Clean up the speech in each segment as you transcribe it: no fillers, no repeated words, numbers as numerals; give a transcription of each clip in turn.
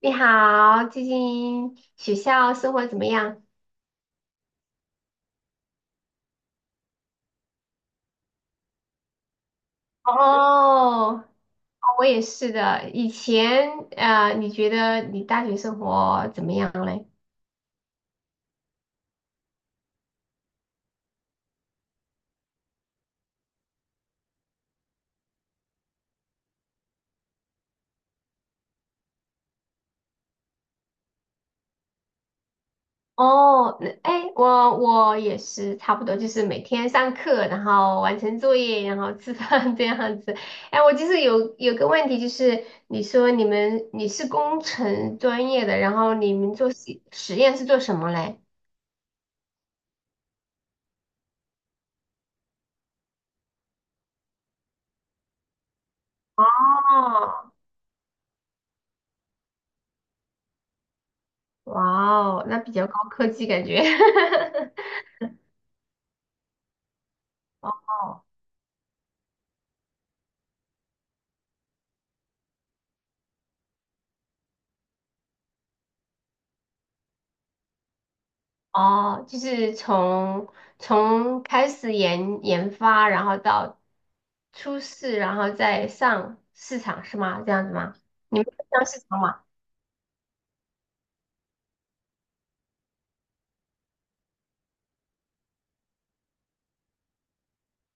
你好，最近学校生活怎么样？哦，我也是的。以前，你觉得你大学生活怎么样嘞？哦，那哎，我也是差不多，就是每天上课，然后完成作业，然后吃饭 这样子。哎，我就是有个问题，就是你说你是工程专业的，然后你们做实验是做什么嘞？哦，哇哦，那比较高科技感觉。哦哦，就是从开始研发，然后到出市，然后再上市场是吗？这样子吗？你们上市场吗？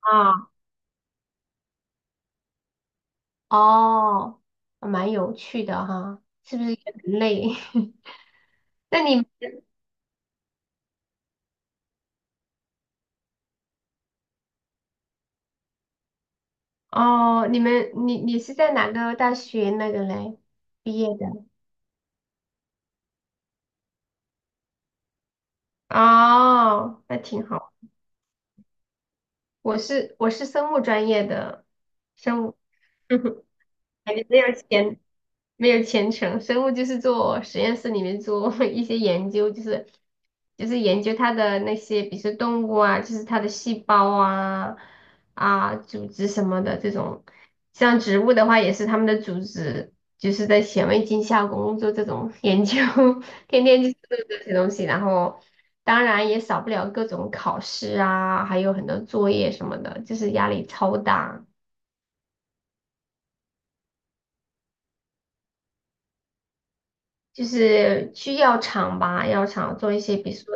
啊，哦，蛮有趣的哈，是不是也很累？那你哦，你们你你是在哪个大学那个嘞毕业的？哦，那挺好。我是生物专业的，生物。感觉没有前程。生物就是做实验室里面做 一些研究，就是研究它的那些，比如说动物啊，就是它的细胞啊啊组织什么的这种。像植物的话，也是它们的组织，就是在显微镜下工作这种 研究，天天就是做这些东西。然后当然也少不了各种考试啊，还有很多作业什么的，就是压力超大。就是去药厂吧，药厂做一些，比如说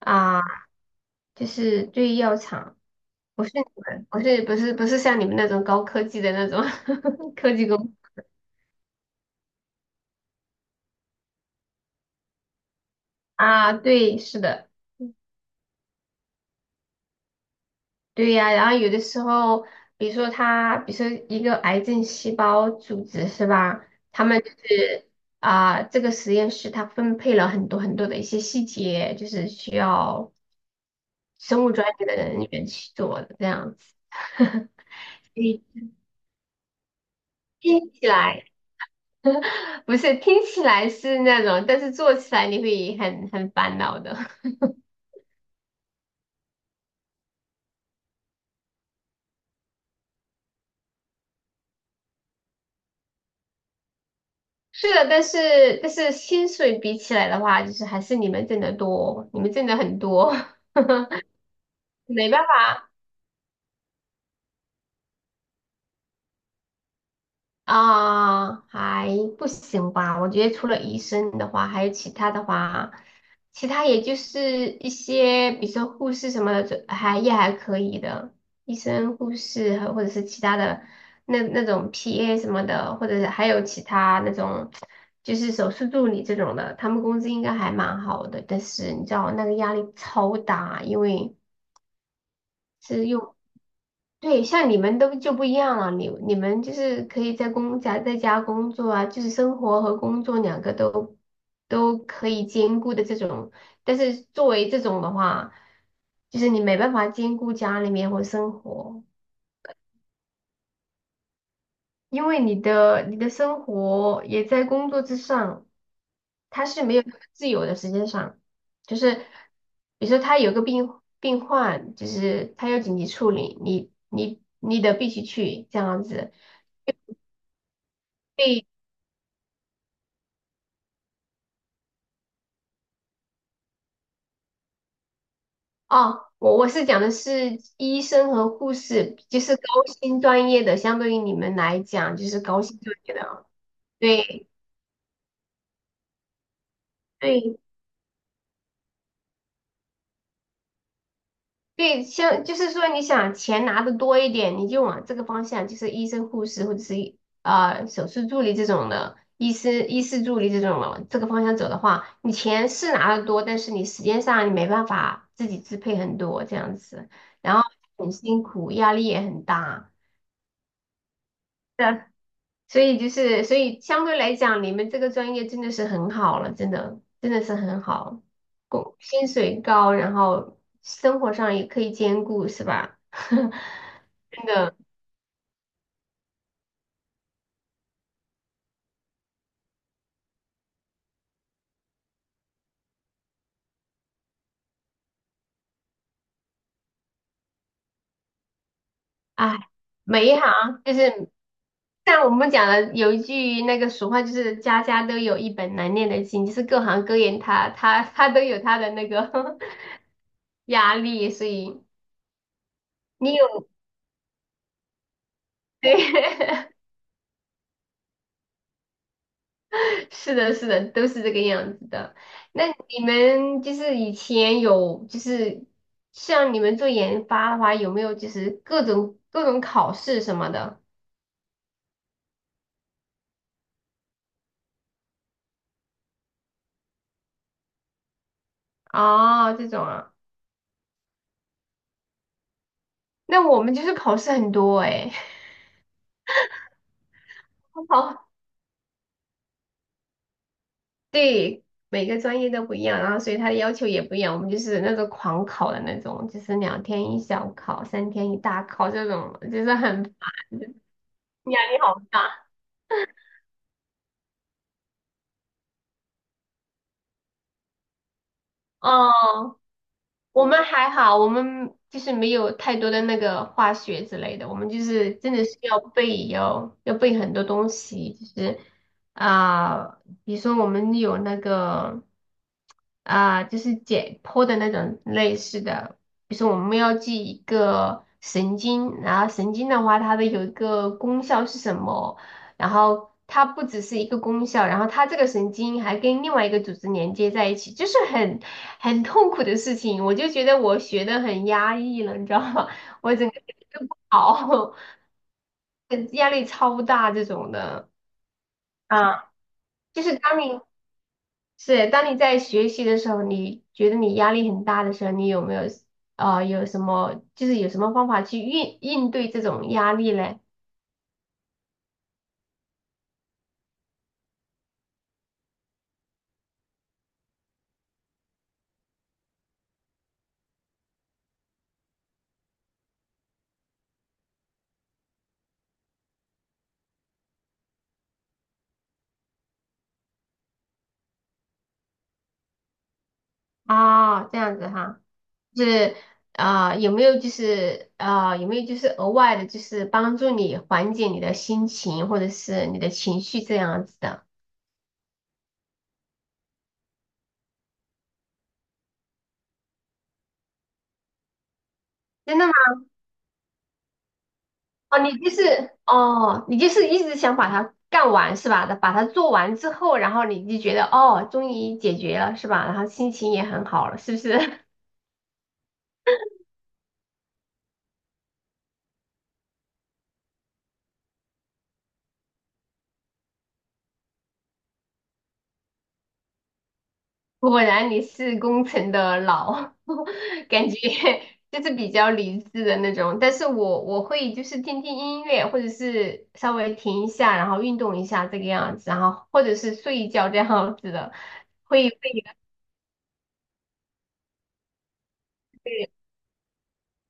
啊，就是对药厂，不是你们，不是像你们那种高科技的那种 科技工啊，对，是的，对呀、然后有的时候，比如说一个癌症细胞组织是吧？他们就是啊，这个实验室它分配了很多很多的一些细节，就是需要生物专业的人员去做的这样子。你听起来。不是，听起来是那种，但是做起来你会很很烦恼的。是的，但是薪水比起来的话，就是还是你们挣得多，你们挣得很多，没办法。啊，还不行吧？我觉得除了医生的话，还有其他的话，其他也就是一些，比如说护士什么的，就还也还可以的。医生、护士和或者是其他的那那种 PA 什么的，或者是还有其他那种就是手术助理这种的，他们工资应该还蛮好的。但是你知道那个压力超大，因为是用对，像你们都就不一样了，你你们就是可以在工家在家工作啊，就是生活和工作两个都都可以兼顾的这种。但是作为这种的话，就是你没办法兼顾家里面或生活，因为你的生活也在工作之上，他是没有那么自由的时间上，就是比如说他有个病患，就是他有紧急处理，你得必须去这样子。对哦，我是讲的是医生和护士，就是高薪专业的，相对于你们来讲就是高薪专业的啊。对对对，像就是说你想钱拿的多一点，你就往这个方向，就是医生、护士或者是啊手术助理这种的，医师、医师助理这种的这个方向走的话，你钱是拿的多，但是你时间上你没办法自己支配很多这样子，然后很辛苦，压力也很大。所以就是，所以相对来讲，你们这个专业真的是很好了，真的，真的是很好，工薪水高，然后生活上也可以兼顾，是吧？真的，哎，每一行就是像我们讲的，有一句那个俗话，就是家家都有一本难念的经，就是各行各业他都有他的那个 压力，所以你有 对，是的，是的，都是这个样子的。那你们就是以前有，就是像你们做研发的话，有没有就是各种各种考试什么的？哦，这种啊，那我们就是考试很多哎，好，对，每个专业都不一样，然后所以他的要求也不一样。我们就是那种狂考的那种，就是两天一小考，三天一大考这种，就是很烦，压力好大。哦。我们还好，我们就是没有太多的那个化学之类的，我们就是真的是要背，要背很多东西，就是啊、比如说我们有那个啊、就是解剖的那种类似的，比如说我们要记一个神经，然后神经的话它的有一个功效是什么，然后它不只是一个功效，然后它这个神经还跟另外一个组织连接在一起，就是很痛苦的事情。我就觉得我学的很压抑了，你知道吗？我整个人都不好，压力超大这种的啊。就是当你是当你在学习的时候，你觉得你压力很大的时候，你有没有有什么就是有什么方法去应对这种压力嘞？啊，这样子哈。就是啊、有没有就是啊、有没有就是额外的，就是帮助你缓解你的心情或者是你的情绪这样子的？真的吗？哦，你就是哦，你就是一直想把它干完是吧？把它做完之后，然后你就觉得哦，终于解决了是吧？然后心情也很好了，是不是？果然你是工程的老，感觉就是比较理智的那种。但是我会就是听听音乐，或者是稍微停一下，然后运动一下这个样子，然后或者是睡一觉这样子的，会会。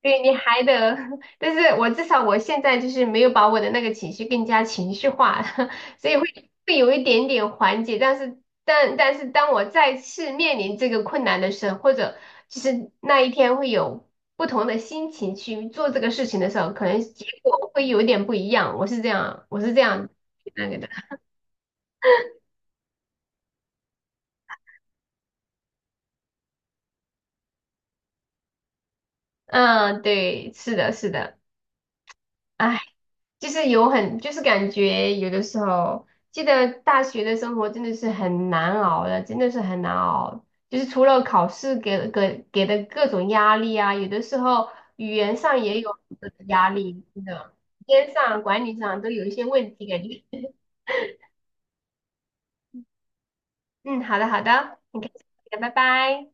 对你还得，但是我至少我现在就是没有把我的那个情绪更加情绪化，所以会有一点点缓解。但是，但是当我再次面临这个困难的时候，或者就是那一天会有不同的心情去做这个事情的时候，可能结果会有点不一样。我是这样，我是这样那个的。嗯，对，是的，是的。唉就是有很，就是感觉有的时候，记得大学的生活真的是很难熬的，真的是很难熬。就是除了考试给的各种压力啊，有的时候语言上也有很多的压力，真的，时间上、管理上都有一些问题感觉。嗯，好的好的，很开心，拜拜。